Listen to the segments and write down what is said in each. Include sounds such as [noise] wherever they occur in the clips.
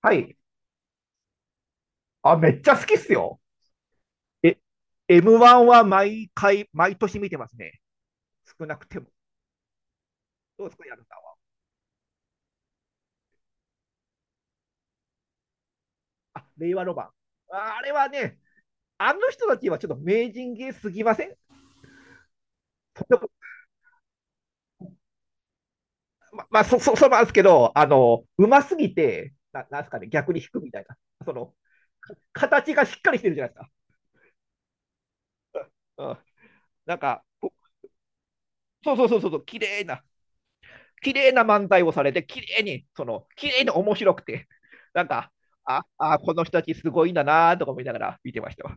はい。あ、めっちゃ好きっすよ。え、M1 は毎回、毎年見てますね。少なくても。どうですか、矢野さんは？あ、令和ロマン。ああれはね、あの人たちはちょっと名人芸すぎません？とても、ままあ、そうなんですけど、あの、うますぎて、なんすかね、逆に引くみたいな。その、形がしっかりしてるじゃないですか。うん。なんか、そうそうそうそうそう、綺麗な漫才をされて、綺麗に、その、綺麗に面白くて、[laughs] なんか、あ、この人たちすごいんだなとか思いながら見てましたわ。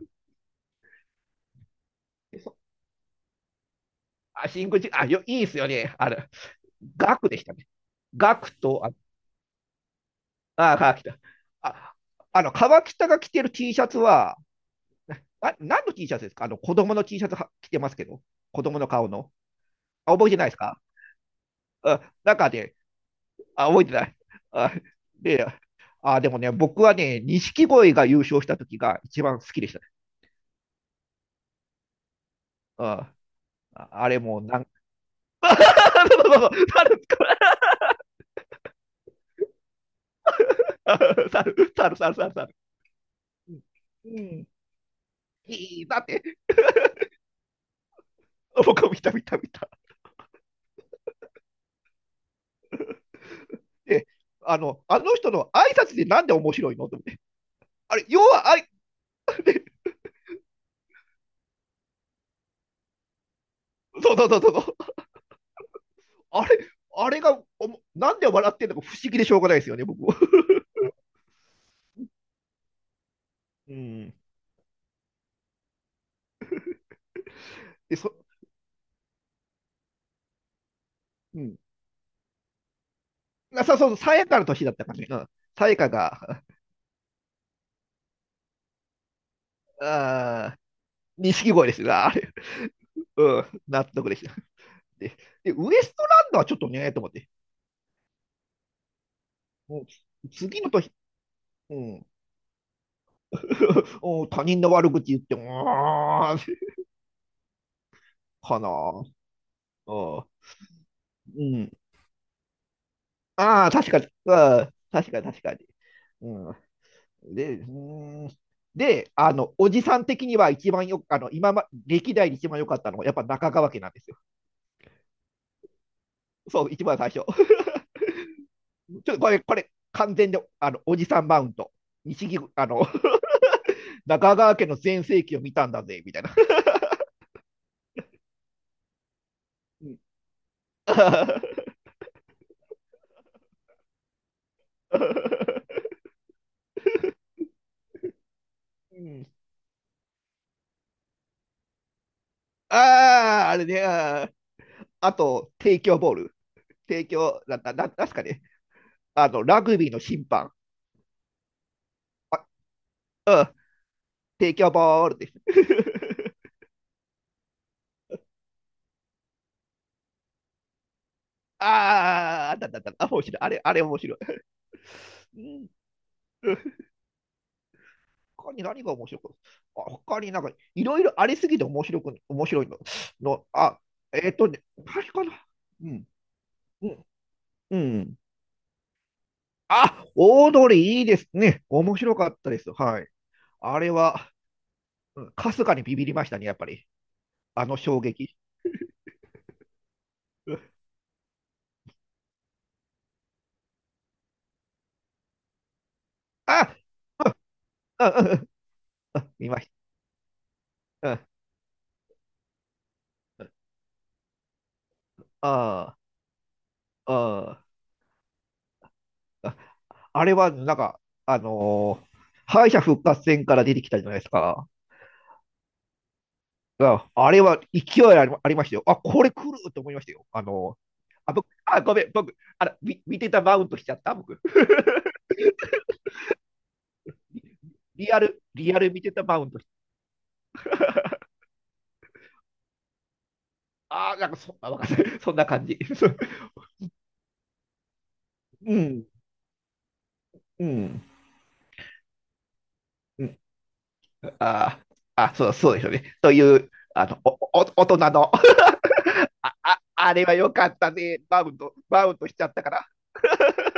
あシンクジあ、いいっすよね。あれ、ガクでしたね。ガクと、あ、あ、川北。あ、あの、川北が着てる T シャツは、あ、何の T シャツですか？あの、子供の T シャツは着てますけど、子供の顔の。あ、覚えてないですか？うん、中で、あ、覚えてない。あ、で、あ、でもね、僕はね、錦鯉が優勝した時が一番好きでした。ああ、あれもうなん、[laughs] そうそうそう、猿、[laughs] 猿、猿、猿、猿、猿。うん。いい、だって、僕も見た見た見た。で、あの、あの人の挨拶でなんで面白いのと思って。あれ、要は、あい、そうそうそうそう。あれ、あれがおも、なんで笑ってんのか不思議でしょうがないですよね、僕は。うん。で、そ、うん。なさ、そうそう、さやかの年だったかね。うん。さやかが、ああ、錦鯉ですが、あれ。うん、納得でした。で、でウエストランドはちょっとね、と思って。うん、次の時、うん、[laughs] お他人の悪口言って、うーん、かな。うん。うん。ああ、確かに。うん、確かに、確かに。うん。で、うーん。で、あの、おじさん的には一番よく、あの、今ま、歴代で一番良かったのは、やっぱ中川家なんですよ。そう、一番最初。[laughs] ちょっとこれ、これ、完全で、あの、おじさんマウント。西木、あの、[laughs] 中川家の全盛期を見たんだぜ、みたいな。うん [laughs] うん、ああ、あれね、あー、あと、提供ボール。提供、なんすかね。あの、ラグビーの審判。あ、提供ボールです。[laughs] ああ、あったあったあった。あ、面白い。あれ、あれ面白い。うん、他に何が面白く、あ、他になんか、いろいろありすぎて面白く、面白いの。の、あ、確かな。うん、うん、うん。あ、オードリーいいですね。面白かったです。はい。あれは、うん、かすかにビビりましたね、やっぱり。あの衝撃。あ、うんうんうんうん、見ました。うん、ああ、ああれは、なんか、あのー敗者復活戦から出てきたじゃないですか。ああれは勢いあり、ありましたよ。あ、これ来ると思いましたよ。あ、僕、あ、ごめん、僕、あら、み見てたマウントしちゃった、僕。[laughs] リ、リアル、リアル見てたマウントし。ああ、なんかそ、なわかんない。[laughs] そんな感じ。[laughs] うん、うん、うん。ああ、あ、そう、そうですよね。という、あの、お、お、大人の [laughs] あ、あ、あれは良かったね。バウンド、バウンドしちゃったから。[laughs]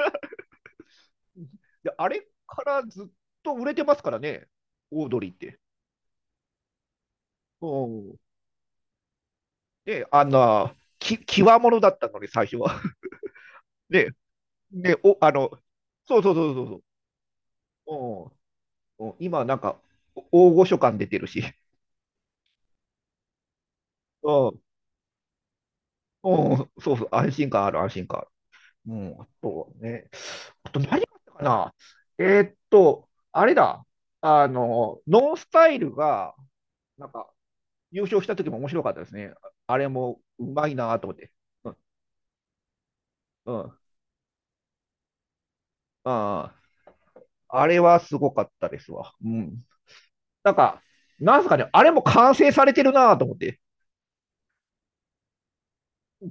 で、あれからずっと売れてますからね、オードリーって。おうん、で、あの、き、際物だったのに、最初は。[laughs] で、で、お、あの、そうそうそうそうそう。うん、うん今、なんか、お大御所感出てるし。うん、うん、そうそう、安心感ある、安心感ある。うん、あとね、あと何があったかな？あれだ、あの、ノンスタイルが、なんか、優勝した時も面白かったですね。あれもうまいなと思って。うん。うん。ああ。あれはすごかったですわ。うん。なんか、なんすかね、あれも完成されてるなと思って。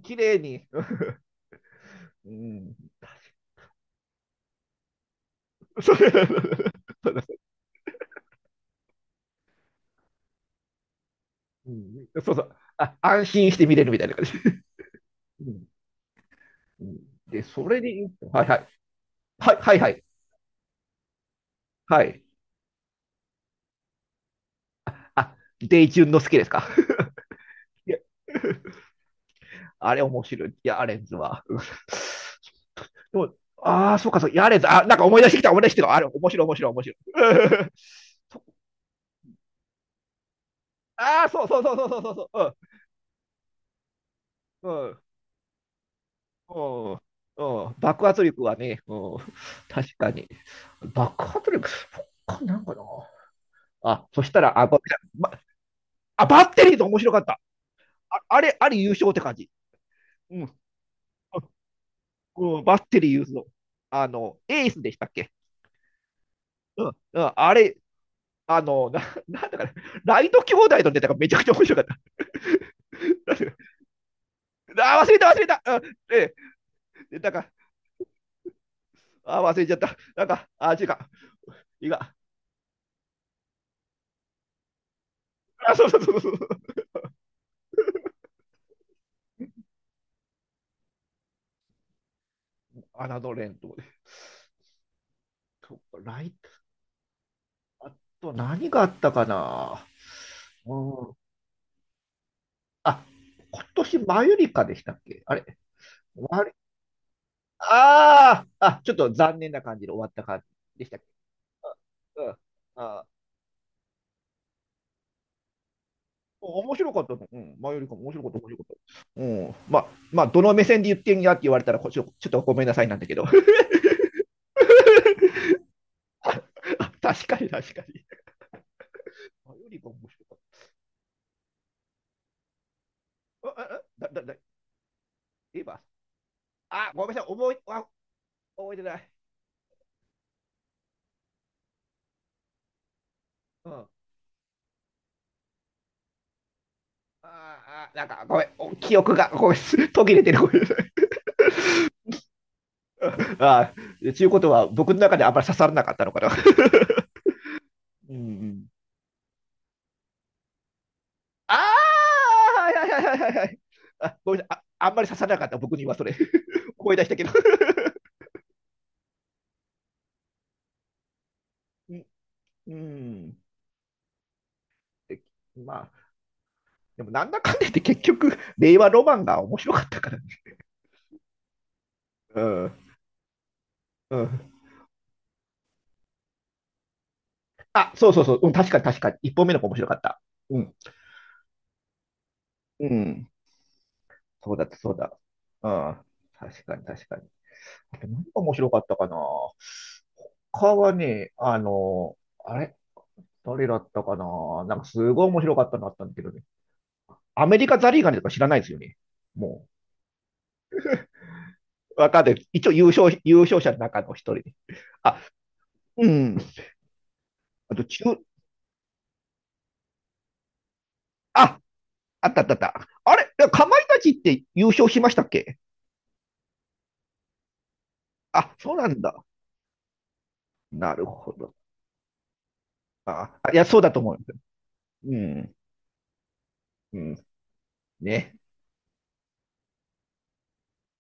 綺麗に。うん。そう [laughs] うん、そうそう。あ、安心して見れるみたいな感じ。うん、うん、で、それで言うと、はいはい。はいはいはい。はい。あ、デイチュンの好きですか？[laughs] いや、あれ面白い。いや、アレンズは。うん、でも、ああ、そうか、そう、やれず、あ、なんか思い出してきた、思い出してきた。あれ、面白い、面白い、面白い。[laughs] そ、ああ、そうそうそうそうそうそうそう。うん、うん、うん、うん。爆発力はね、うん、確かに。爆発力、そっか、なんかな。あ、そしたら、あ、ば、ば、あ、バッテリーと面白かった。あ、あれ、あれ優勝って感じ。うん、うん、バッテリー優勝。あの、エースでしたっけ？うん、うん、あれ、あの、なんだかね、ライト兄弟のネタがめちゃくちゃ面白かった。[laughs] あ忘れた、忘れた。う、ええ、なか、あ忘れちゃった。なんか、あ違うか。いいか。あ、そうそうそうそう。あなどれんと、ライト、あと何があったかな？うん。あ、今年、マユリカでしたっけ？あれ、終わり、あーあ、ちょっと残念な感じで終わった感じでしたっけ？あ、うん。あー、面白かったね。うん。マユリカも面白かった、面白かった。うん。まあ、まあ、どの目線で言ってんやって言われたら、こちょ、ちょっとごめんなさいなんだけど。[laughs] 確かに、確かに。あ、よりも面白かった。あ、あ、だ、だ、だ、エヴァ、あ、ごめんなさい、覚え、あ、覚えてない。うん。ああ、なんか、ごめん、お記憶が、ごめん、[laughs] 途切れてる。ごめんなさい、ああ、ちゅうことは、僕の中であんまり刺さらなかったのかな。[laughs] うん、うん。[laughs] ああ、はいはいはいはいはい、あ、ごめんなさい、あ、あんまり刺さらなかった、僕にはそれ。[laughs] 声出したけど。[laughs] うん。うん、で、まあ、でも、なんだかんだ言って、結局、令和ロマンが面白かったから。うん、うん。あ、そうそうそう、うん、確かに確かに。一本目の子面白かった。うん。うん。そうだった、そうだ。うん。確かに確かに。あと何が面白かったかな？他はね、あの、あれ、誰だったかな。なんかすごい面白かったのあったんだけどね。アメリカザリガニとか知らないですよね。もう、わかんない。一応優勝、優勝者の中の一人で。あ、うん。あと中、あ、あったあったあった。あれ、かまいたちって優勝しましたっけ？あ、そうなんだ。なるほど。ああ、いや、そうだと思う。うん。うん。ね。